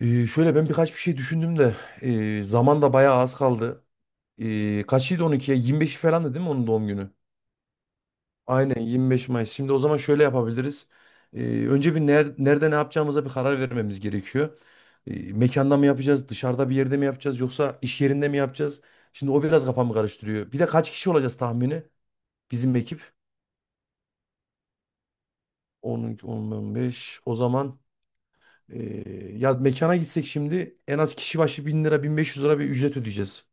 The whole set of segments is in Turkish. Şöyle ben birkaç bir şey düşündüm de, zaman da bayağı az kaldı. Kaçıydı 12'ye? 25'i falandı değil mi onun doğum günü? Aynen 25 Mayıs. Şimdi o zaman şöyle yapabiliriz. Önce bir nerede ne yapacağımıza bir karar vermemiz gerekiyor. Mekanda mı yapacağız, dışarıda bir yerde mi yapacağız yoksa iş yerinde mi yapacağız? Şimdi o biraz kafamı karıştırıyor. Bir de kaç kişi olacağız tahmini bizim ekip? 10, 10, 15. O zaman ya mekana gitsek, şimdi en az kişi başı 1.000 lira 1.500 lira bir ücret ödeyeceğiz.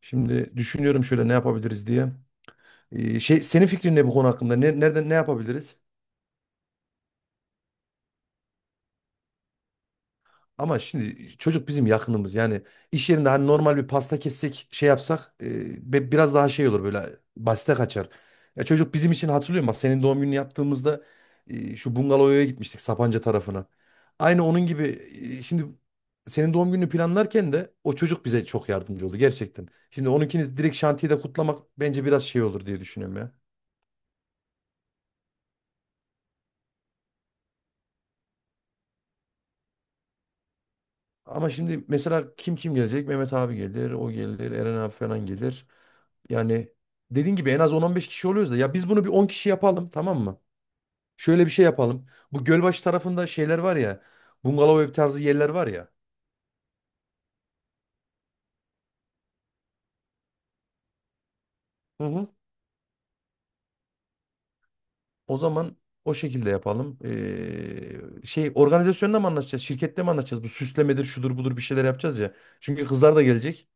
Şimdi düşünüyorum şöyle ne yapabiliriz diye. Şey, senin fikrin ne bu konu hakkında? Ne, nereden ne yapabiliriz? Ama şimdi çocuk bizim yakınımız. Yani iş yerinde hani normal bir pasta kessek, şey yapsak biraz daha şey olur, böyle basite kaçar. Ya çocuk bizim için, hatırlıyor musun? Bak, senin doğum gününü yaptığımızda şu bungalovaya gitmiştik Sapanca tarafına. Aynı onun gibi şimdi senin doğum gününü planlarken de o çocuk bize çok yardımcı oldu gerçekten. Şimdi onunkini direkt şantiyede kutlamak bence biraz şey olur diye düşünüyorum ya. Ama şimdi mesela kim kim gelecek? Mehmet abi gelir, o gelir, Eren abi falan gelir. Yani dediğin gibi en az 10 beş kişi oluyoruz da, ya biz bunu bir 10 kişi yapalım, tamam mı? Şöyle bir şey yapalım. Bu Gölbaşı tarafında şeyler var ya. Bungalov ev tarzı yerler var ya. Hı hı. O zaman o şekilde yapalım. Şey, organizasyonla mı anlaşacağız? Şirkette mi anlaşacağız? Bu süslemedir, şudur budur, bir şeyler yapacağız ya. Çünkü kızlar da gelecek.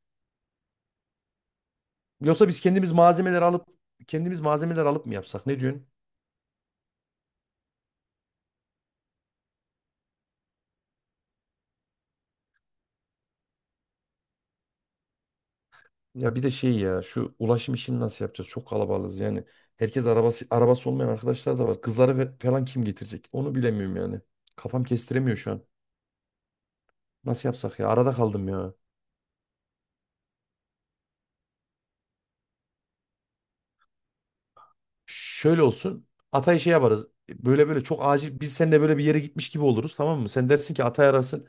Yoksa biz kendimiz malzemeler alıp mı yapsak? Ne diyorsun? Ya bir de şey ya, şu ulaşım işini nasıl yapacağız? Çok kalabalığız yani. Herkes arabası olmayan arkadaşlar da var. Kızları falan kim getirecek? Onu bilemiyorum yani. Kafam kestiremiyor şu an. Nasıl yapsak ya? Arada kaldım ya. Şöyle olsun. Ata'yı şey yaparız. Böyle böyle çok acil biz seninle böyle bir yere gitmiş gibi oluruz, tamam mı? Sen dersin ki, Atay ararsın.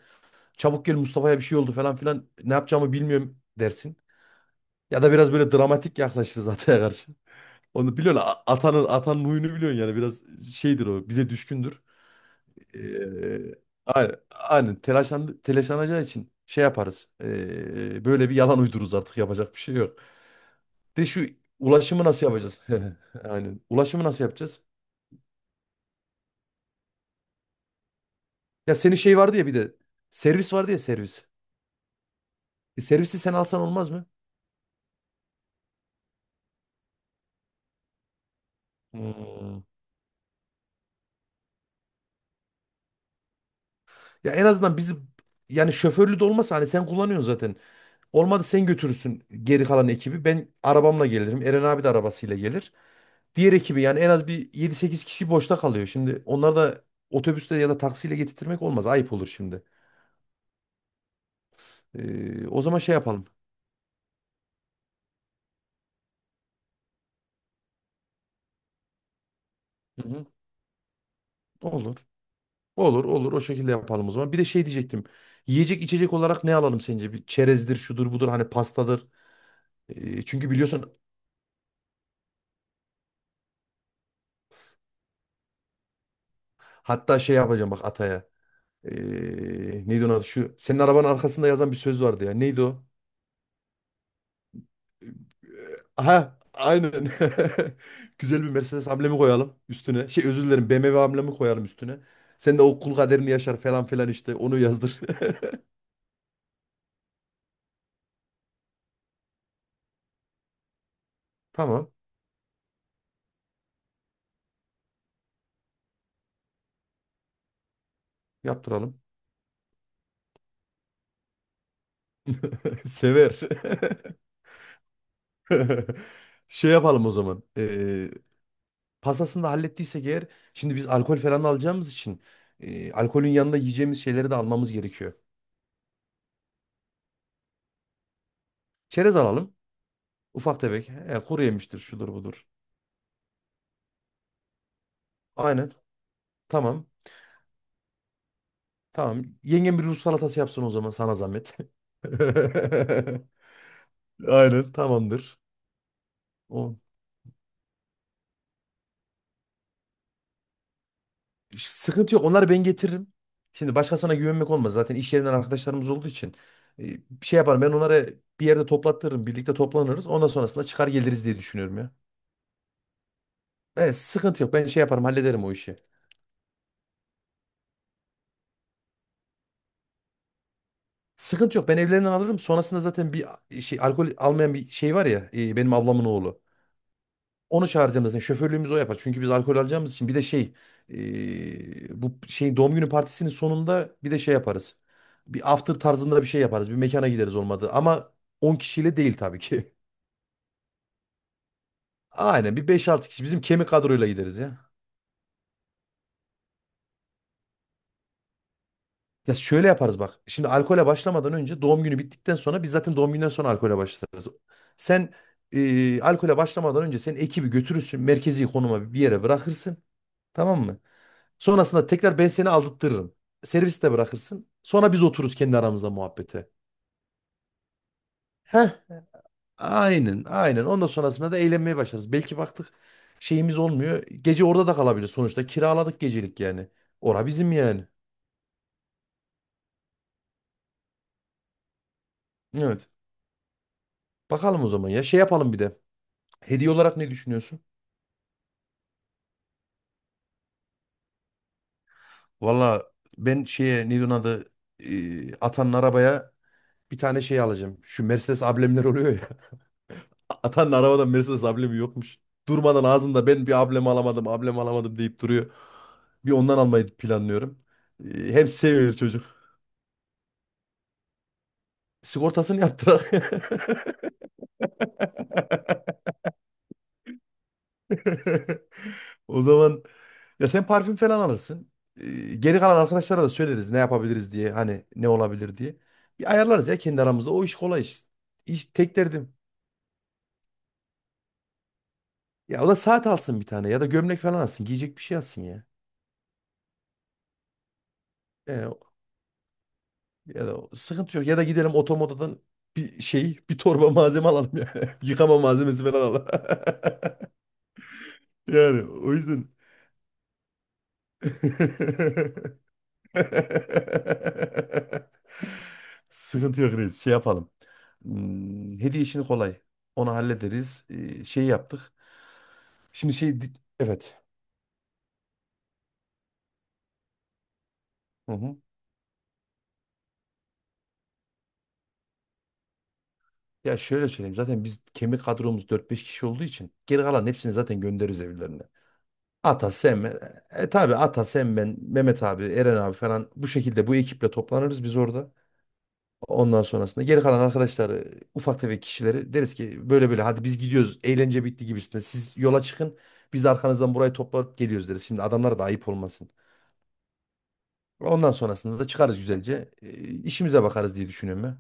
Çabuk gel, Mustafa'ya bir şey oldu falan filan. Ne yapacağımı bilmiyorum dersin. Ya da biraz böyle dramatik yaklaşırız Atay'a karşı. Onu biliyorsun. Atanın huyunu biliyorsun, yani biraz şeydir o. Bize düşkündür. Eee, aynen, telaşlanacağı için şey yaparız. Böyle bir yalan uydururuz artık, yapacak bir şey yok. De şu ulaşımı nasıl yapacağız? Aynen. Ulaşımı nasıl yapacağız? Ya senin şey vardı ya, bir de servis vardı ya, servis. Servisi sen alsan olmaz mı? Hmm. Ya en azından bizi, yani şoförlü de olmasa hani sen kullanıyorsun zaten. Olmadı sen götürürsün geri kalan ekibi. Ben arabamla gelirim. Eren abi de arabasıyla gelir. Diğer ekibi yani en az bir yedi sekiz kişi boşta kalıyor. Şimdi onları da otobüsle ya da taksiyle getirtmek olmaz. Ayıp olur şimdi. O zaman şey yapalım. Hı hı. Olur. Olur olur, o şekilde yapalım o zaman. Bir de şey diyecektim. Yiyecek içecek olarak ne alalım sence? Bir çerezdir, şudur budur, hani pastadır. Çünkü biliyorsun, hatta şey yapacağım bak Atay'a. Ee, neydi onun adı? Şu senin arabanın arkasında yazan bir söz vardı ya. Neydi o? Ha, aynen. Güzel bir Mercedes amblemi koyalım üstüne. Şey, özür dilerim, BMW amblemi koyalım üstüne. Sen de o kul kaderini yaşar falan filan işte onu yazdır. Tamam, yaptıralım. Sever. Şey yapalım o zaman. Pastasını da hallettiysek eğer, şimdi biz alkol falan da alacağımız için alkolün yanında yiyeceğimiz şeyleri de almamız gerekiyor. Çerez alalım. Ufak tefek. He, kuru yemiştir şudur budur. Aynen. Tamam. Tamam. Yengem bir ruj salatası yapsın o zaman, sana zahmet. Aynen, tamamdır. O. Sıkıntı yok. Onları ben getiririm. Şimdi başkasına güvenmek olmaz. Zaten iş yerinden arkadaşlarımız olduğu için. e, Bir şey yaparım. Ben onları bir yerde toplattırırım. Birlikte toplanırız. Ondan sonrasında çıkar geliriz diye düşünüyorum ya. Evet, sıkıntı yok. Ben şey yaparım, hallederim o işi. Sıkıntı yok. Ben evlerinden alırım. Sonrasında zaten bir şey, alkol almayan bir şey var ya. Benim ablamın oğlu. Onu çağıracağımız ne? Şoförlüğümüzü o yapar. Çünkü biz alkol alacağımız için bir de şey, bu şey doğum günü partisinin sonunda bir de şey yaparız. Bir after tarzında bir şey yaparız. Bir mekana gideriz olmadı. Ama 10 kişiyle değil tabii ki. Aynen, bir beş altı kişi bizim kemik kadroyla gideriz ya. Ya şöyle yaparız bak. Şimdi alkole başlamadan önce, doğum günü bittikten sonra, biz zaten doğum günden sonra alkole başlarız. Sen alkole başlamadan önce sen ekibi götürürsün. Merkezi konuma bir yere bırakırsın. Tamam mı? Sonrasında tekrar ben seni aldırtırım. Serviste bırakırsın. Sonra biz otururuz kendi aramızda muhabbete. Heh, aynen, aynen. Ondan sonrasında da eğlenmeye başlarız. Belki baktık şeyimiz olmuyor, gece orada da kalabilir. Sonuçta kiraladık gecelik yani. Ora bizim yani. Evet. Bakalım o zaman ya. Şey yapalım bir de. Hediye olarak ne düşünüyorsun? Valla, ben şeye, neydi onun adı? Atanın arabaya bir tane şey alacağım. Şu Mercedes amblemler oluyor, Atanın arabadan Mercedes ablemi yokmuş. Durmadan ağzında "Ben bir ablem alamadım, ablem alamadım" deyip duruyor. Bir ondan almayı planlıyorum. Hem seviyor çocuk. Sigortasını yaptırak. O zaman ya sen parfüm falan alırsın. Ee, Geri kalan arkadaşlara da söyleriz ne yapabiliriz diye. Hani ne olabilir diye. Bir ayarlarız ya kendi aramızda. O iş kolay iş. İş tek derdim. Ya o da saat alsın bir tane, ya da gömlek falan alsın. Giyecek bir şey alsın ya. Ee, Ya da sıkıntı yok. Ya da gidelim otomodadan bir şey, bir torba malzeme alalım yani. Yıkama malzemesi falan alalım. Yani o yüzden. Sıkıntı yok reis. Şey yapalım. Hmm, hediye işini kolay. Onu hallederiz. Şey yaptık. Şimdi Evet. Hı hı. Ya şöyle söyleyeyim. Zaten biz kemik kadromuz dört beş kişi olduğu için geri kalan hepsini zaten göndeririz evlerine. Ata, Sem, tabii Ata, Sem, ben, Mehmet abi, Eren abi falan, bu şekilde bu ekiple toplanırız biz orada. Ondan sonrasında geri kalan arkadaşlar, ufak tefek kişileri deriz ki böyle böyle hadi biz gidiyoruz, eğlence bitti gibisinde siz yola çıkın, biz de arkanızdan burayı toplayıp geliyoruz deriz. Şimdi adamlara da ayıp olmasın. Ondan sonrasında da çıkarız güzelce, işimize bakarız diye düşünüyorum ben.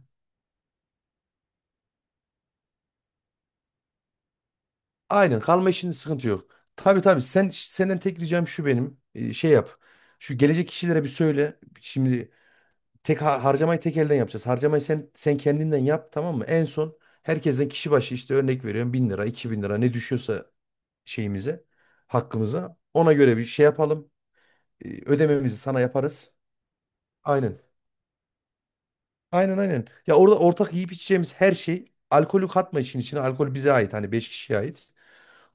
Aynen, kalma işinde sıkıntı yok. Tabii tabii, sen senden tek ricam şu, benim şey yap. Şu gelecek kişilere bir söyle. Şimdi tek harcamayı tek elden yapacağız. Harcamayı sen kendinden yap, tamam mı? En son herkesten kişi başı, işte örnek veriyorum 1.000 lira, 2.000 lira ne düşüyorsa şeyimize, hakkımıza, ona göre bir şey yapalım. Ödememizi sana yaparız. Aynen. Aynen aynen. Ya orada ortak yiyip içeceğimiz her şey, alkolü katma işin içine. Alkol bize ait, hani 5 kişiye ait.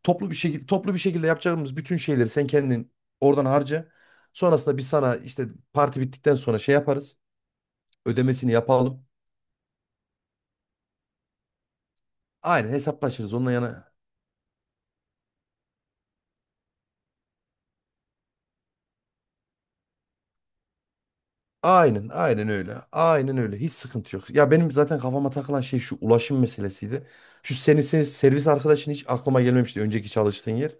Toplu bir şekilde toplu bir şekilde yapacağımız bütün şeyleri sen kendin oradan harca. Sonrasında biz sana işte parti bittikten sonra şey yaparız, ödemesini yapalım. Aynen, hesaplaşırız. Onunla yana. Aynen, aynen öyle. Aynen öyle. Hiç sıkıntı yok. Ya benim zaten kafama takılan şey şu ulaşım meselesiydi. Şu senin servis arkadaşın hiç aklıma gelmemişti, önceki çalıştığın yer.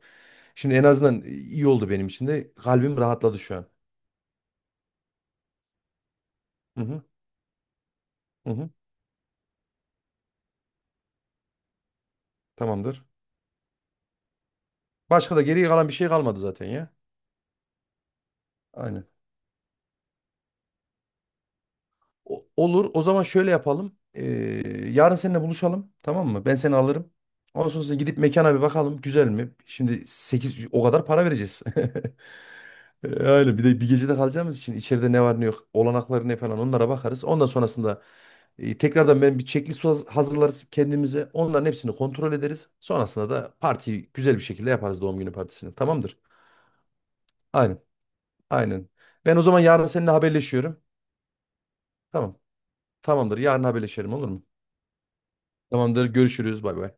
Şimdi en azından iyi oldu benim için de. Kalbim rahatladı şu an. Hı hı, hı hı. Tamamdır. Başka da geriye kalan bir şey kalmadı zaten ya. Aynen. Olur. O zaman şöyle yapalım. Yarın seninle buluşalım. Tamam mı? Ben seni alırım. Ondan sonra gidip mekana bir bakalım. Güzel mi? Şimdi 8 o kadar para vereceğiz. Öyle bir de bir gecede kalacağımız için içeride ne var ne yok, olanakları ne falan, onlara bakarız. Ondan sonrasında tekrardan ben bir checklist hazırlarız kendimize. Onların hepsini kontrol ederiz. Sonrasında da partiyi güzel bir şekilde yaparız, doğum günü partisini. Tamamdır. Aynen. Aynen. Ben o zaman yarın seninle haberleşiyorum. Tamam. Tamamdır. Yarın haberleşelim, olur mu? Tamamdır. Görüşürüz. Bay bay.